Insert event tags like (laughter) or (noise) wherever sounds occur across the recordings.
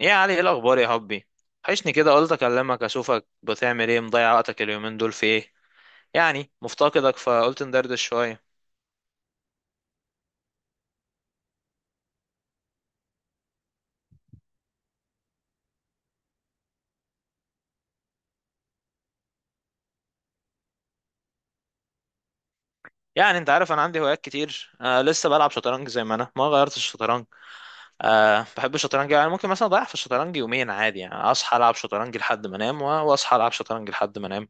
ايه يا علي، ايه الاخبار يا حبي؟ وحشني كده، قلت اكلمك اشوفك بتعمل ايه. مضيع وقتك اليومين دول في ايه؟ يعني مفتقدك فقلت ندردش شويه. يعني انت عارف انا عندي هوايات كتير، لسه بلعب شطرنج، زي ما انا ما غيرتش الشطرنج. بحب الشطرنج، يعني ممكن مثلا اضيع في الشطرنج يومين عادي. يعني اصحى العب شطرنج لحد ما انام واصحى العب شطرنج لحد ما انام.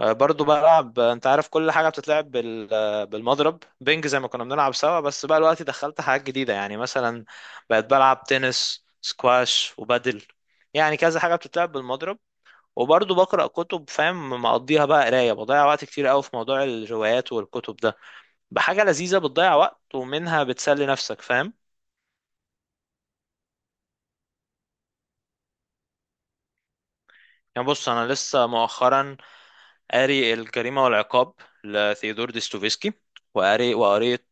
برضو بلعب. انت عارف كل حاجة بتتلعب بالمضرب، بينج زي ما كنا بنلعب سوا، بس بقى الوقت دخلت حاجات جديدة، يعني مثلا بقيت بلعب تنس، سكواش وبادل. يعني كذا حاجة بتتلعب بالمضرب. وبرضو بقرأ كتب فاهم، مقضيها بقى قراية، بضيع وقت كتير قوي في موضوع الروايات والكتب ده. بحاجة لذيذة بتضيع وقت ومنها بتسلي نفسك، فاهم؟ يعني بص، أنا لسه مؤخرا قاري الجريمة والعقاب لثيودور ديستوفيسكي. وقاري وقريت.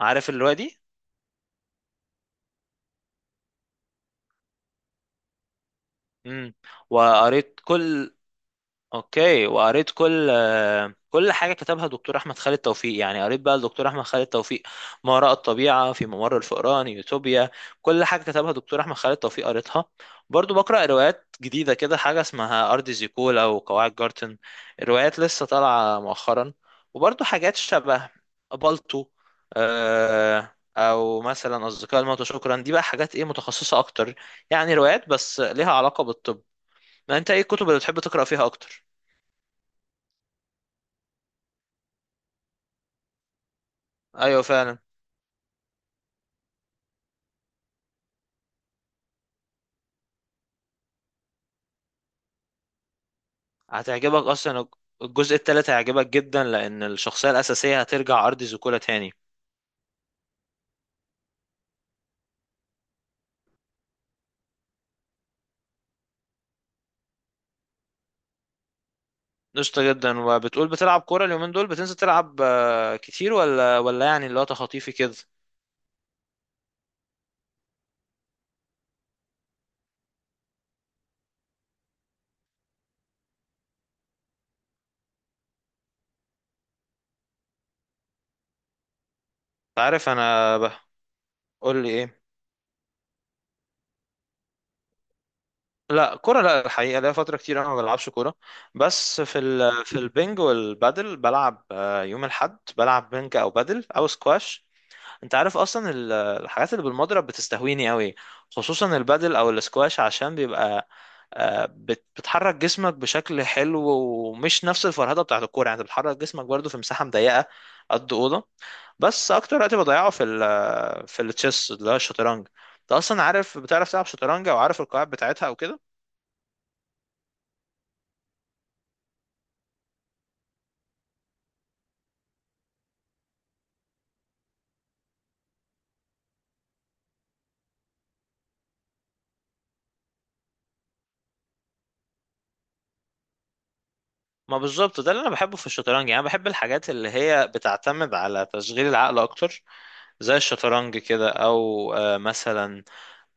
عارف الرواية دي؟ امم. وقريت كل. اوكي، وقريت كل كل حاجه كتبها دكتور احمد خالد توفيق. يعني قريت بقى الدكتور احمد خالد توفيق، ما وراء الطبيعه، في ممر الفئران، يوتوبيا. كل حاجه كتبها دكتور احمد خالد توفيق قريتها. برضو بقرا روايات جديده كده، حاجه اسمها ارض زيكولا وقواعد جارتن. الروايات لسه طالعه مؤخرا. وبرضو حاجات شبه بالطو. او مثلا اصدقاء الموتى، شكرا. دي بقى حاجات ايه، متخصصه اكتر. يعني روايات بس ليها علاقه بالطب. ما انت ايه الكتب اللي بتحب تقرأ فيها اكتر؟ ايوه فعلا. هتعجبك اصلا، الجزء التالت هيعجبك جدا، لان الشخصية الاساسية هترجع ارض زيكولا تاني. قشطة جدا. وبتقول بتلعب كورة اليومين دول، بتنزل تلعب كتير ولا يعني اللي هو تخطيفي كده انت؟ عارف انا قول لي ايه؟ لا، كورة لا الحقيقة، لا فترة كتير انا ما بلعبش كورة. بس في البنج والبادل بلعب. يوم الاحد بلعب بنج او بادل او سكواش. انت عارف اصلا الحاجات اللي بالمضرب بتستهويني قوي، خصوصا البادل او الاسكواش، عشان بيبقى بتحرك جسمك بشكل حلو، ومش نفس الفرهده بتاعت الكوره. يعني انت بتحرك جسمك برضو في مساحه مضيقه، قد اوضه. بس اكتر وقت بضيعه في التشيس، اللي هو الشطرنج. انت اصلا عارف، بتعرف تلعب شطرنج او عارف القواعد بتاعتها او كده؟ ما بالظبط ده اللي انا بحبه في الشطرنج. يعني أنا بحب الحاجات اللي هي بتعتمد على تشغيل العقل اكتر، زي الشطرنج كده. او مثلا،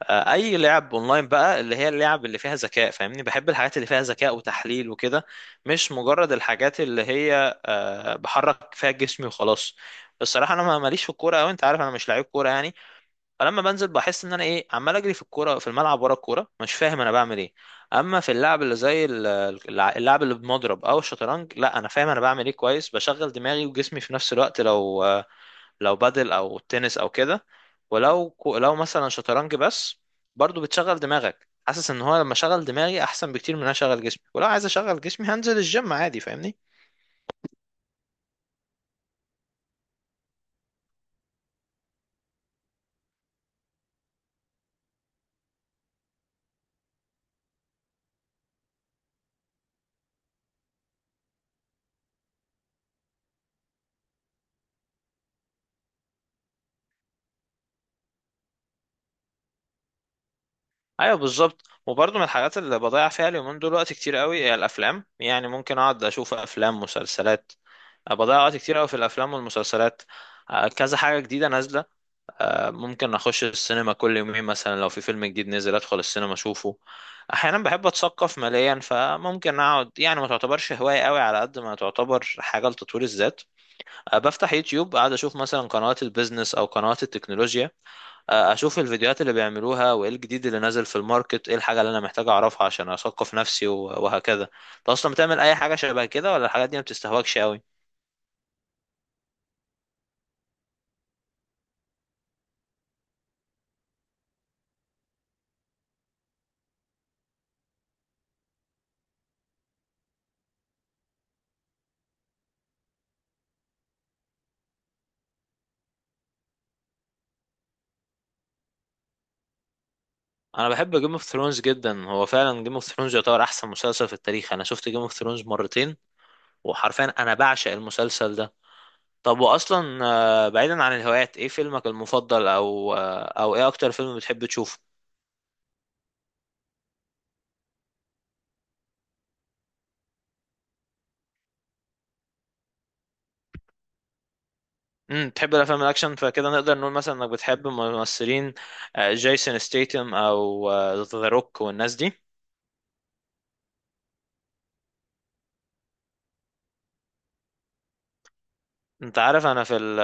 اي لعب اونلاين بقى، اللي هي اللعب اللي فيها ذكاء. فاهمني، بحب الحاجات اللي فيها ذكاء وتحليل وكده، مش مجرد الحاجات اللي هي بحرك فيها جسمي وخلاص. الصراحه انا ماليش في الكوره قوي. انت عارف انا مش لعيب كوره يعني، فلما بنزل بحس ان انا ايه، عمال اجري في الكوره، في الملعب ورا الكوره مش فاهم انا بعمل ايه. اما في اللعب اللي زي اللعب اللي بمضرب او الشطرنج، لا انا فاهم انا بعمل ايه كويس، بشغل دماغي وجسمي في نفس الوقت. لو لو بادل او تنس او كده، ولو لو مثلا شطرنج بس، برضو بتشغل دماغك. حاسس ان هو لما شغل دماغي احسن بكتير من ان أنا اشغل جسمي، ولو عايز اشغل جسمي هنزل الجيم عادي فاهمني. ايوه بالظبط. وبرضو من الحاجات اللي بضيع فيها اليومين دول وقت كتير قوي هي الافلام. يعني ممكن اقعد اشوف افلام، مسلسلات. بضيع وقت كتير قوي في الافلام والمسلسلات. كذا حاجة جديدة نازلة، ممكن اخش السينما كل يومين، مثلا لو في فيلم جديد نزل ادخل السينما اشوفه. احيانا بحب اتثقف ماليا، فممكن اقعد. يعني ما تعتبرش هواية قوي على قد ما تعتبر حاجة لتطوير الذات. بفتح يوتيوب قاعد اشوف مثلا قنوات البيزنس او قنوات التكنولوجيا. اشوف الفيديوهات اللي بيعملوها وايه الجديد اللي نازل في الماركت، ايه الحاجة اللي انا محتاج اعرفها عشان اثقف نفسي وهكذا. انت اصلا بتعمل اي حاجة شبه كده، ولا الحاجات دي ما بتستهواكش قوي؟ انا بحب جيم اوف ثرونز جدا. هو فعلا جيم اوف ثرونز يعتبر احسن مسلسل في التاريخ. انا شفت جيم اوف ثرونز مرتين، وحرفيا انا بعشق المسلسل ده. طب، واصلا بعيدا عن الهوايات، ايه فيلمك المفضل، او ايه اكتر فيلم بتحب تشوفه؟ تحب الافلام الاكشن، فكده نقدر نقول مثلا انك بتحب ممثلين، جيسون ستيتم او ذا روك والناس دي؟ انت عارف انا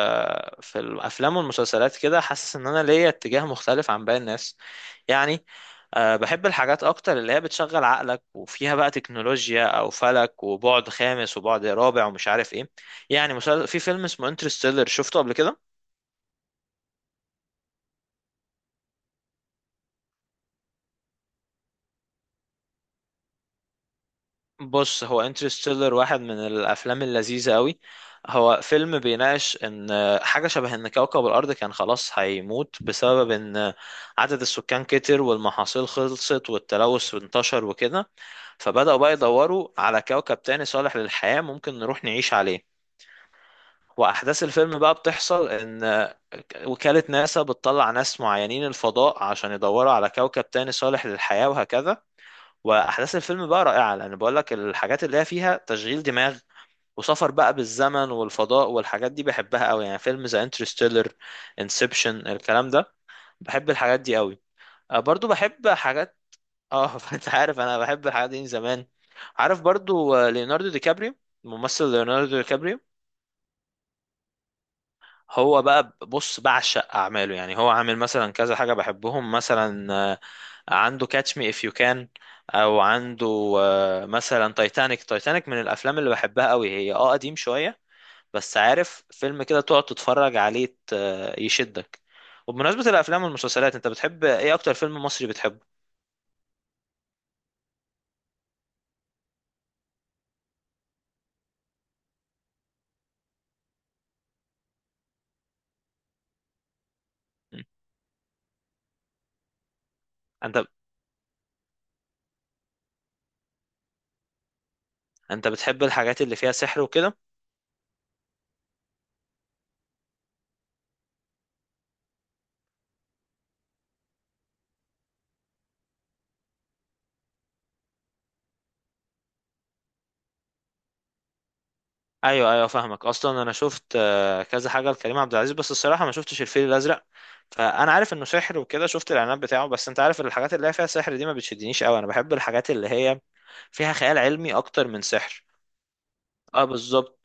في الافلام والمسلسلات كده حاسس ان انا ليا اتجاه مختلف عن باقي الناس. يعني، بحب الحاجات اكتر اللي هي بتشغل عقلك وفيها بقى تكنولوجيا، او فلك وبعد خامس وبعد رابع ومش عارف ايه. يعني في فيلم اسمه انترستيلر، شفته قبل كده؟ بص، هو انترستيلر واحد من الافلام اللذيذه قوي. هو فيلم بيناقش ان، حاجه شبه ان كوكب الارض كان خلاص هيموت، بسبب ان عدد السكان كتر والمحاصيل خلصت والتلوث انتشر وكده. فبداوا بقى يدوروا على كوكب تاني صالح للحياه ممكن نروح نعيش عليه. واحداث الفيلم بقى بتحصل ان وكاله ناسا بتطلع ناس معينين الفضاء عشان يدوروا على كوكب تاني صالح للحياه وهكذا. واحداث الفيلم بقى رائعه، لان بقول لك الحاجات اللي هي فيها تشغيل دماغ، وسفر بقى بالزمن والفضاء والحاجات دي بحبها قوي. يعني فيلم زي انترستيلر، انسبشن، الكلام ده، بحب الحاجات دي قوي. برضو بحب حاجات. اه (laughs) انت عارف انا بحب الحاجات دي من زمان. عارف برضو ليوناردو دي كابريو، الممثل ليوناردو دي كابريو. هو بقى، بص، بعشق اعماله. يعني هو عامل مثلا كذا حاجة بحبهم، مثلا عنده كاتش مي اف يو كان، او عنده مثلا تايتانيك. تايتانيك من الافلام اللي بحبها قوي، هي قديم شوية، بس عارف فيلم كده تقعد تتفرج عليه يشدك. وبمناسبة الافلام والمسلسلات، انت بتحب ايه، اكتر فيلم مصري بتحبه؟ م. انت انت بتحب الحاجات اللي فيها سحر وكده؟ ايوه، ايوه، فاهمك. اصلا انا شفت كذا حاجه لكريم عبد العزيز، بس الصراحه ما شفتش الفيل الازرق. فانا عارف انه سحر وكده، شفت الاعلانات بتاعه، بس انت عارف الحاجات اللي هي فيها سحر دي ما بتشدنيش قوي. انا بحب الحاجات اللي هي فيها خيال علمي اكتر من سحر. اه بالظبط.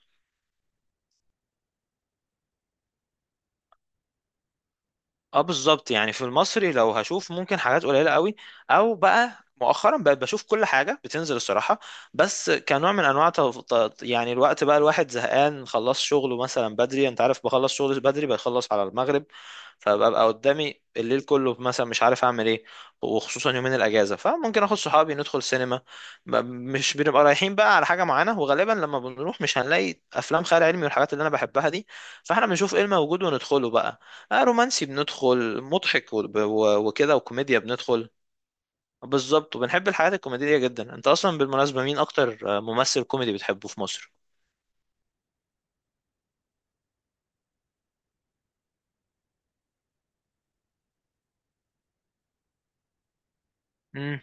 اه بالظبط، يعني في المصري لو هشوف ممكن حاجات قليله قوي، او بقى مؤخرا بقيت بشوف كل حاجه بتنزل الصراحه. بس كنوع من انواع يعني الوقت بقى الواحد زهقان، خلص شغله مثلا بدري. انت عارف بخلص شغل بدري، بخلص على المغرب، فببقى قدامي الليل كله، مثلا مش عارف اعمل ايه. وخصوصا يومين الاجازه، فممكن اخد صحابي ندخل سينما. مش بنبقى رايحين بقى على حاجه معينه، وغالبا لما بنروح مش هنلاقي افلام خيال علمي والحاجات اللي انا بحبها دي، فاحنا بنشوف ايه الموجود وندخله بقى. رومانسي بندخل، مضحك وكده، وكوميديا بندخل. بالظبط، وبنحب الحاجات الكوميدية جدا. انت اصلا بالمناسبة مين اكتر ممثل كوميدي بتحبه في مصر؟ مم.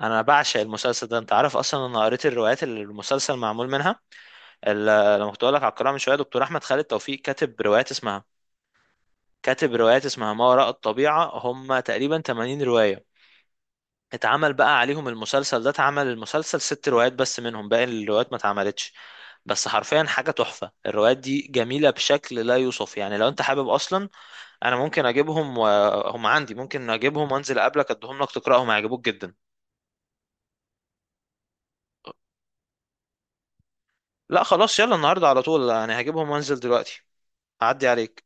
انا بعشق المسلسل ده. انت عارف اصلا انا قريت الروايات اللي المسلسل معمول منها. لما كنت بقول لك على القراءة من شوية، دكتور احمد خالد توفيق كاتب روايات اسمها ما وراء الطبيعة، هم تقريبا 80 رواية. اتعمل بقى عليهم المسلسل ده، اتعمل المسلسل ست روايات بس منهم، باقي الروايات ما اتعملتش. بس حرفيا حاجة تحفة، الروايات دي جميلة بشكل لا يوصف. يعني لو انت حابب اصلا، انا ممكن اجيبهم وهم عندي، ممكن اجيبهم وانزل اقابلك اديهم لك تقراهم، هيعجبوك جدا. لا خلاص، يلا النهاردة على طول يعني، هجيبهم وانزل دلوقتي. اعدي عليك.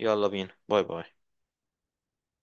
يلا بينا، باي باي.